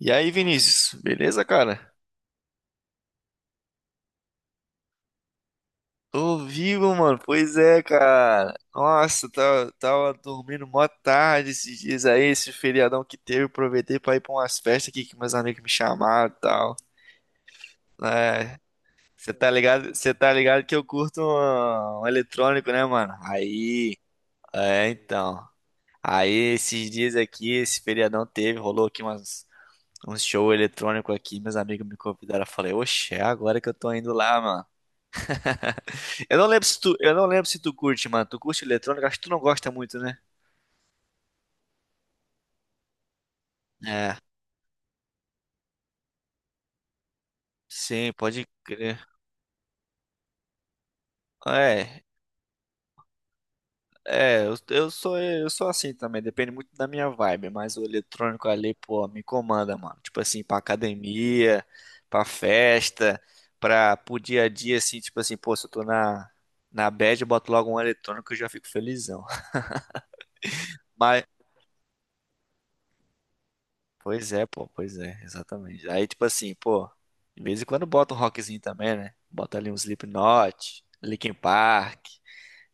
E aí, Vinícius, beleza, cara? Tô vivo, mano. Pois é, cara. Nossa, tava dormindo mó tarde esses dias aí, esse feriadão que teve. Aproveitei pra ir pra umas festas aqui que meus amigos me chamaram e tal. É, você tá ligado que eu curto um eletrônico, né, mano? Aí, é, então. Aí, esses dias aqui, esse feriadão teve, rolou aqui umas, um show eletrônico aqui. Meus amigos me convidaram. Eu falei, oxe, é agora que eu tô indo lá, mano. Eu não lembro se tu, eu não lembro se tu curte, mano. Tu curte eletrônica, acho que tu não gosta muito, né? É, sim, pode crer. É, eu sou assim também, depende muito da minha vibe, mas o eletrônico ali, pô, me comanda, mano. Tipo assim, pra academia, pra festa, pra pro dia a dia assim, tipo assim, pô, se eu tô na bad, eu boto logo um eletrônico e já fico felizão. Pois é, pô, pois é, exatamente. Aí, tipo assim, pô, de vez em quando bota um rockzinho também, né? Bota ali um Slipknot, Linkin Park,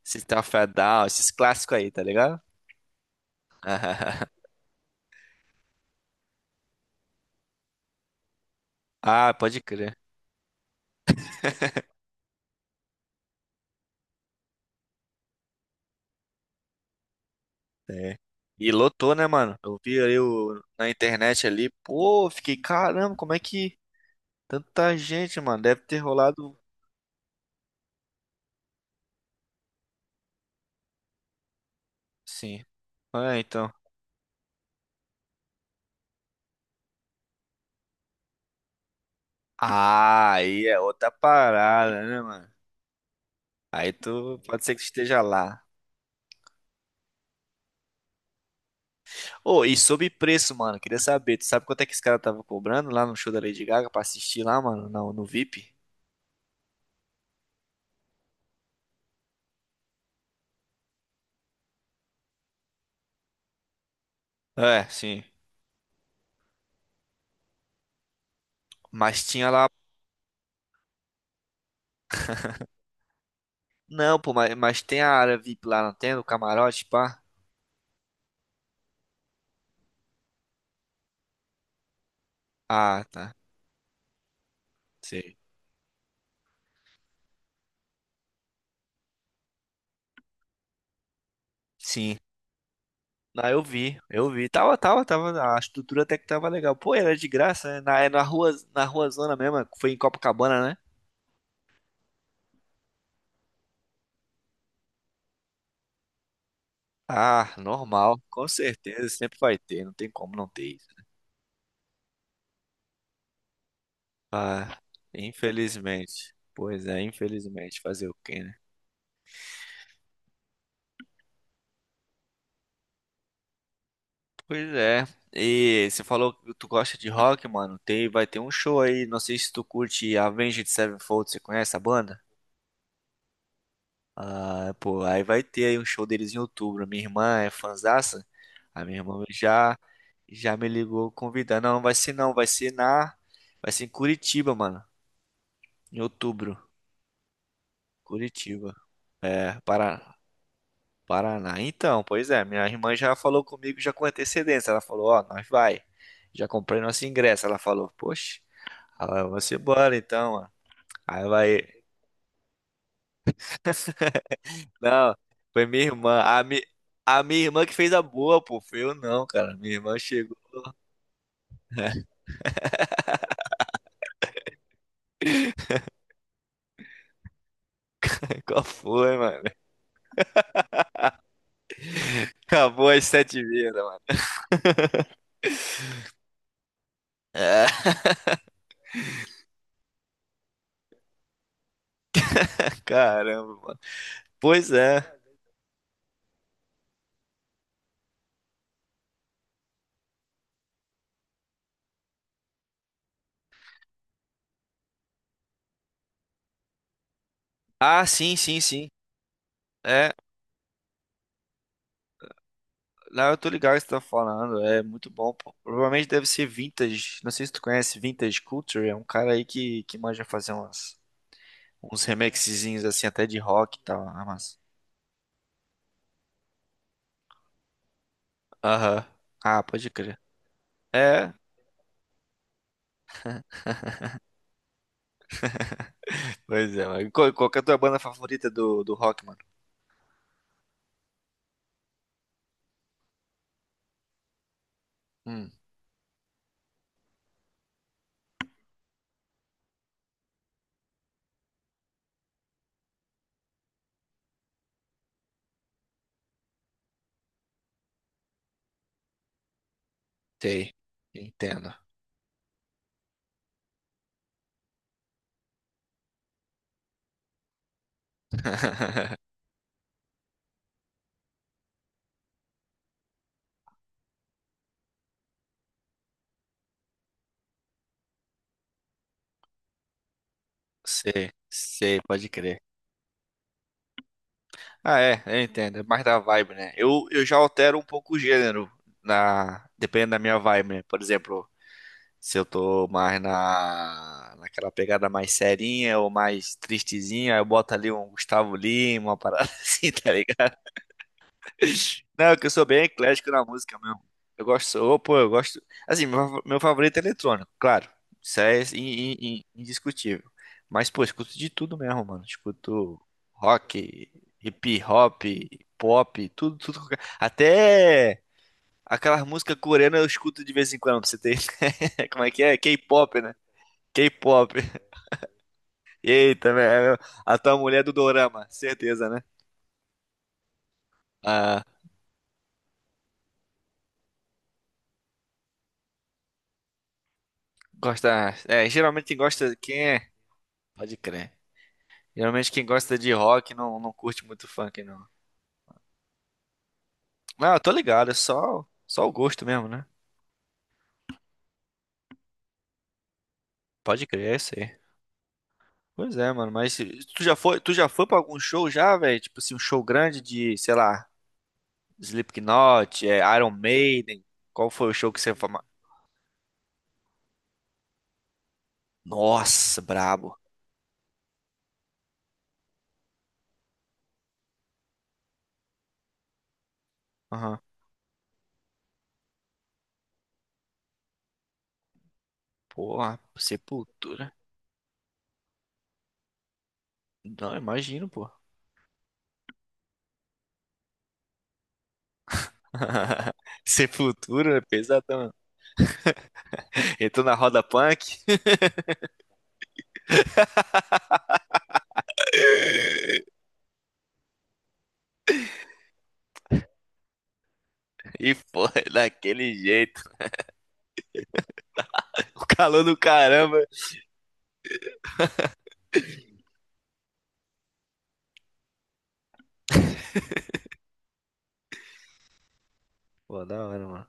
System of a Down, esses clássicos aí, tá ligado? Ah, pode crer. É. E lotou, né, mano? Eu vi ali na internet ali, pô, fiquei, caramba, como é que tanta gente, mano? Deve ter rolado. Sim. É, então. Ah, aí é outra parada, né, mano? Aí tu pode ser que esteja lá. Ô, e sobre preço, mano, queria saber, tu sabe quanto é que esse cara tava cobrando lá no show da Lady Gaga pra assistir lá, mano, no VIP? É, sim. Mas tinha lá. Não, pô, mas tem a área VIP lá, não tem? O camarote, pá? Ah, tá. Sei. Sim. Não, eu vi. Tava. A estrutura até que tava legal. Pô, era de graça, né? É na rua Zona mesmo, foi em Copacabana, né? Ah, normal, com certeza, sempre vai ter, não tem como não ter isso. Ah, infelizmente. Pois é, infelizmente. Fazer o quê, né? Pois é. E você falou que tu gosta de rock, mano. Tem, vai ter um show aí. Não sei se tu curte Avenged Sevenfold. Você conhece a banda? Ah, pô, aí vai ter aí um show deles em outubro. Minha irmã é fanzaça. A minha irmã já me ligou convidando. Não, não vai ser não, vai ser em Curitiba, mano, em outubro. Curitiba. É, Paraná. Paraná. Então, pois é, minha irmã já falou comigo já com antecedência. Ela falou, ó, nós vai. Já comprei nosso ingresso. Ela falou, poxa, ela, vamos embora então, mano. Aí vai. Não, foi minha irmã. A minha irmã que fez a boa, pô. Foi eu não, cara. Minha irmã chegou. Qual foi, mano? Acabou as 7 vidas, mano. É, caramba, mano. Pois é. Ah, sim, sim, sim. É. Não, eu tô ligado o que você tá falando. É muito bom, pô. Provavelmente deve ser Vintage. Não sei se tu conhece Vintage Culture. É um cara aí que manja fazer umas, uns remixezinhos assim, até de rock e tal. Ah, mas... Aham. Ah, pode crer. É, pois é. Qual, qual que é a tua banda favorita do rock, mano? Hum, sei. Entendo. Sei, sei, pode crer. Ah, é, eu entendo. É mais da vibe, né? Eu já altero um pouco o gênero, dependendo da minha vibe, né? Por exemplo. Se eu tô mais na, naquela pegada mais serinha ou mais tristezinha, aí eu boto ali um Gustavo Lima, uma parada assim, tá ligado? Não, é que eu sou bem eclético na música mesmo. Eu gosto, ô, pô, eu gosto. Assim, meu, meu favorito é eletrônico, claro. Isso é indiscutível. Mas, pô, eu escuto de tudo mesmo, mano. Escuto rock, hip hop, pop, tudo, tudo. Até aquelas músicas coreanas eu escuto de vez em quando, pra você ter. Como é que é? K-pop, né? K-pop. Eita, velho. A tua mulher é do Dorama, certeza, né? Ah, gosta. É, geralmente quem gosta. Quem é? Pode crer. Geralmente quem gosta de rock não, não curte muito funk, não. Não, eu tô ligado, é só, só o gosto mesmo, né? Pode crer, é isso aí. Pois é, mano, tu já foi pra algum show já, velho? Tipo assim, um show grande de, sei lá, Slipknot, é, Iron Maiden. Qual foi o show que você falou? Nossa, brabo. Aham. Porra, Sepultura. Não, imagino, pô. Sem futuro, é pesadão. Entrou na roda punk e foi daquele jeito. O calor do caramba. Pô, da hora, mano.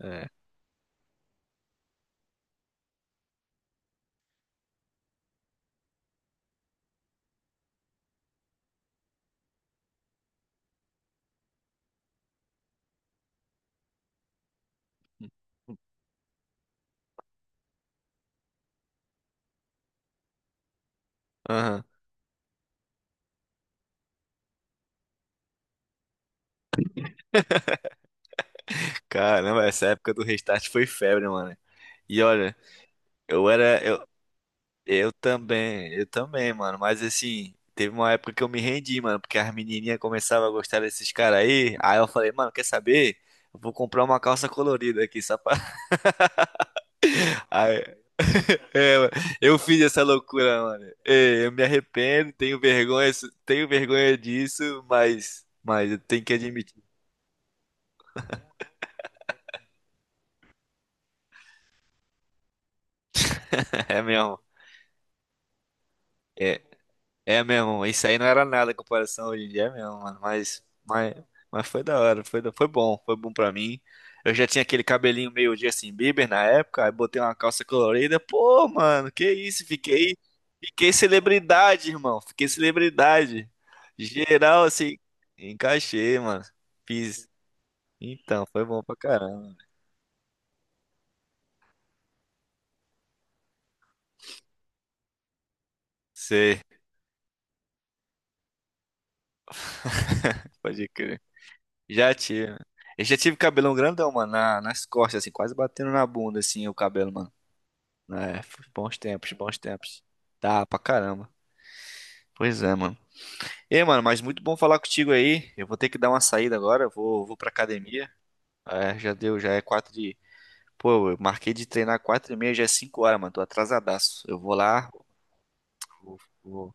É. Aham. Caramba, essa época do restart foi febre, mano. E olha, eu era. Eu, eu também, mano. Mas assim, teve uma época que eu me rendi, mano, porque as menininhas começavam a gostar desses caras aí. Aí eu falei, mano, quer saber? Eu vou comprar uma calça colorida aqui, só pra. Aí, é, eu fiz essa loucura, mano. É, eu me arrependo, tenho vergonha disso, mas eu tenho que admitir. É mesmo. É, é mesmo. Isso aí não era nada em comparação hoje em dia, é mesmo, mano. Mas, mas foi da hora, foi bom pra mim. Eu já tinha aquele cabelinho meio Justin Bieber na época, aí botei uma calça colorida. Pô, mano, que isso? Fiquei, fiquei celebridade, irmão. Fiquei celebridade. Geral, assim, encaixei, mano. Fiz. Então, foi bom pra caramba. Sei, pode crer. Já tive. Eu já tive cabelão grandão, mano, nas costas, assim, quase batendo na bunda, assim, o cabelo, mano. É, foi bons tempos, bons tempos. Tá, pra caramba. Pois é, mano. Ei, mano, mas muito bom falar contigo aí. Eu vou ter que dar uma saída agora, vou pra academia. É, já deu, já é quatro de... Pô, eu marquei de treinar 4h30, já é 5 horas, mano, tô atrasadaço. Eu vou lá, vou... vou-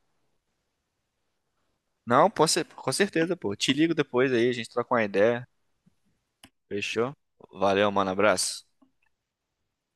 não, pô, com certeza, pô. Te ligo depois aí, a gente troca uma ideia. Fechou? Valeu, mano. Abraço.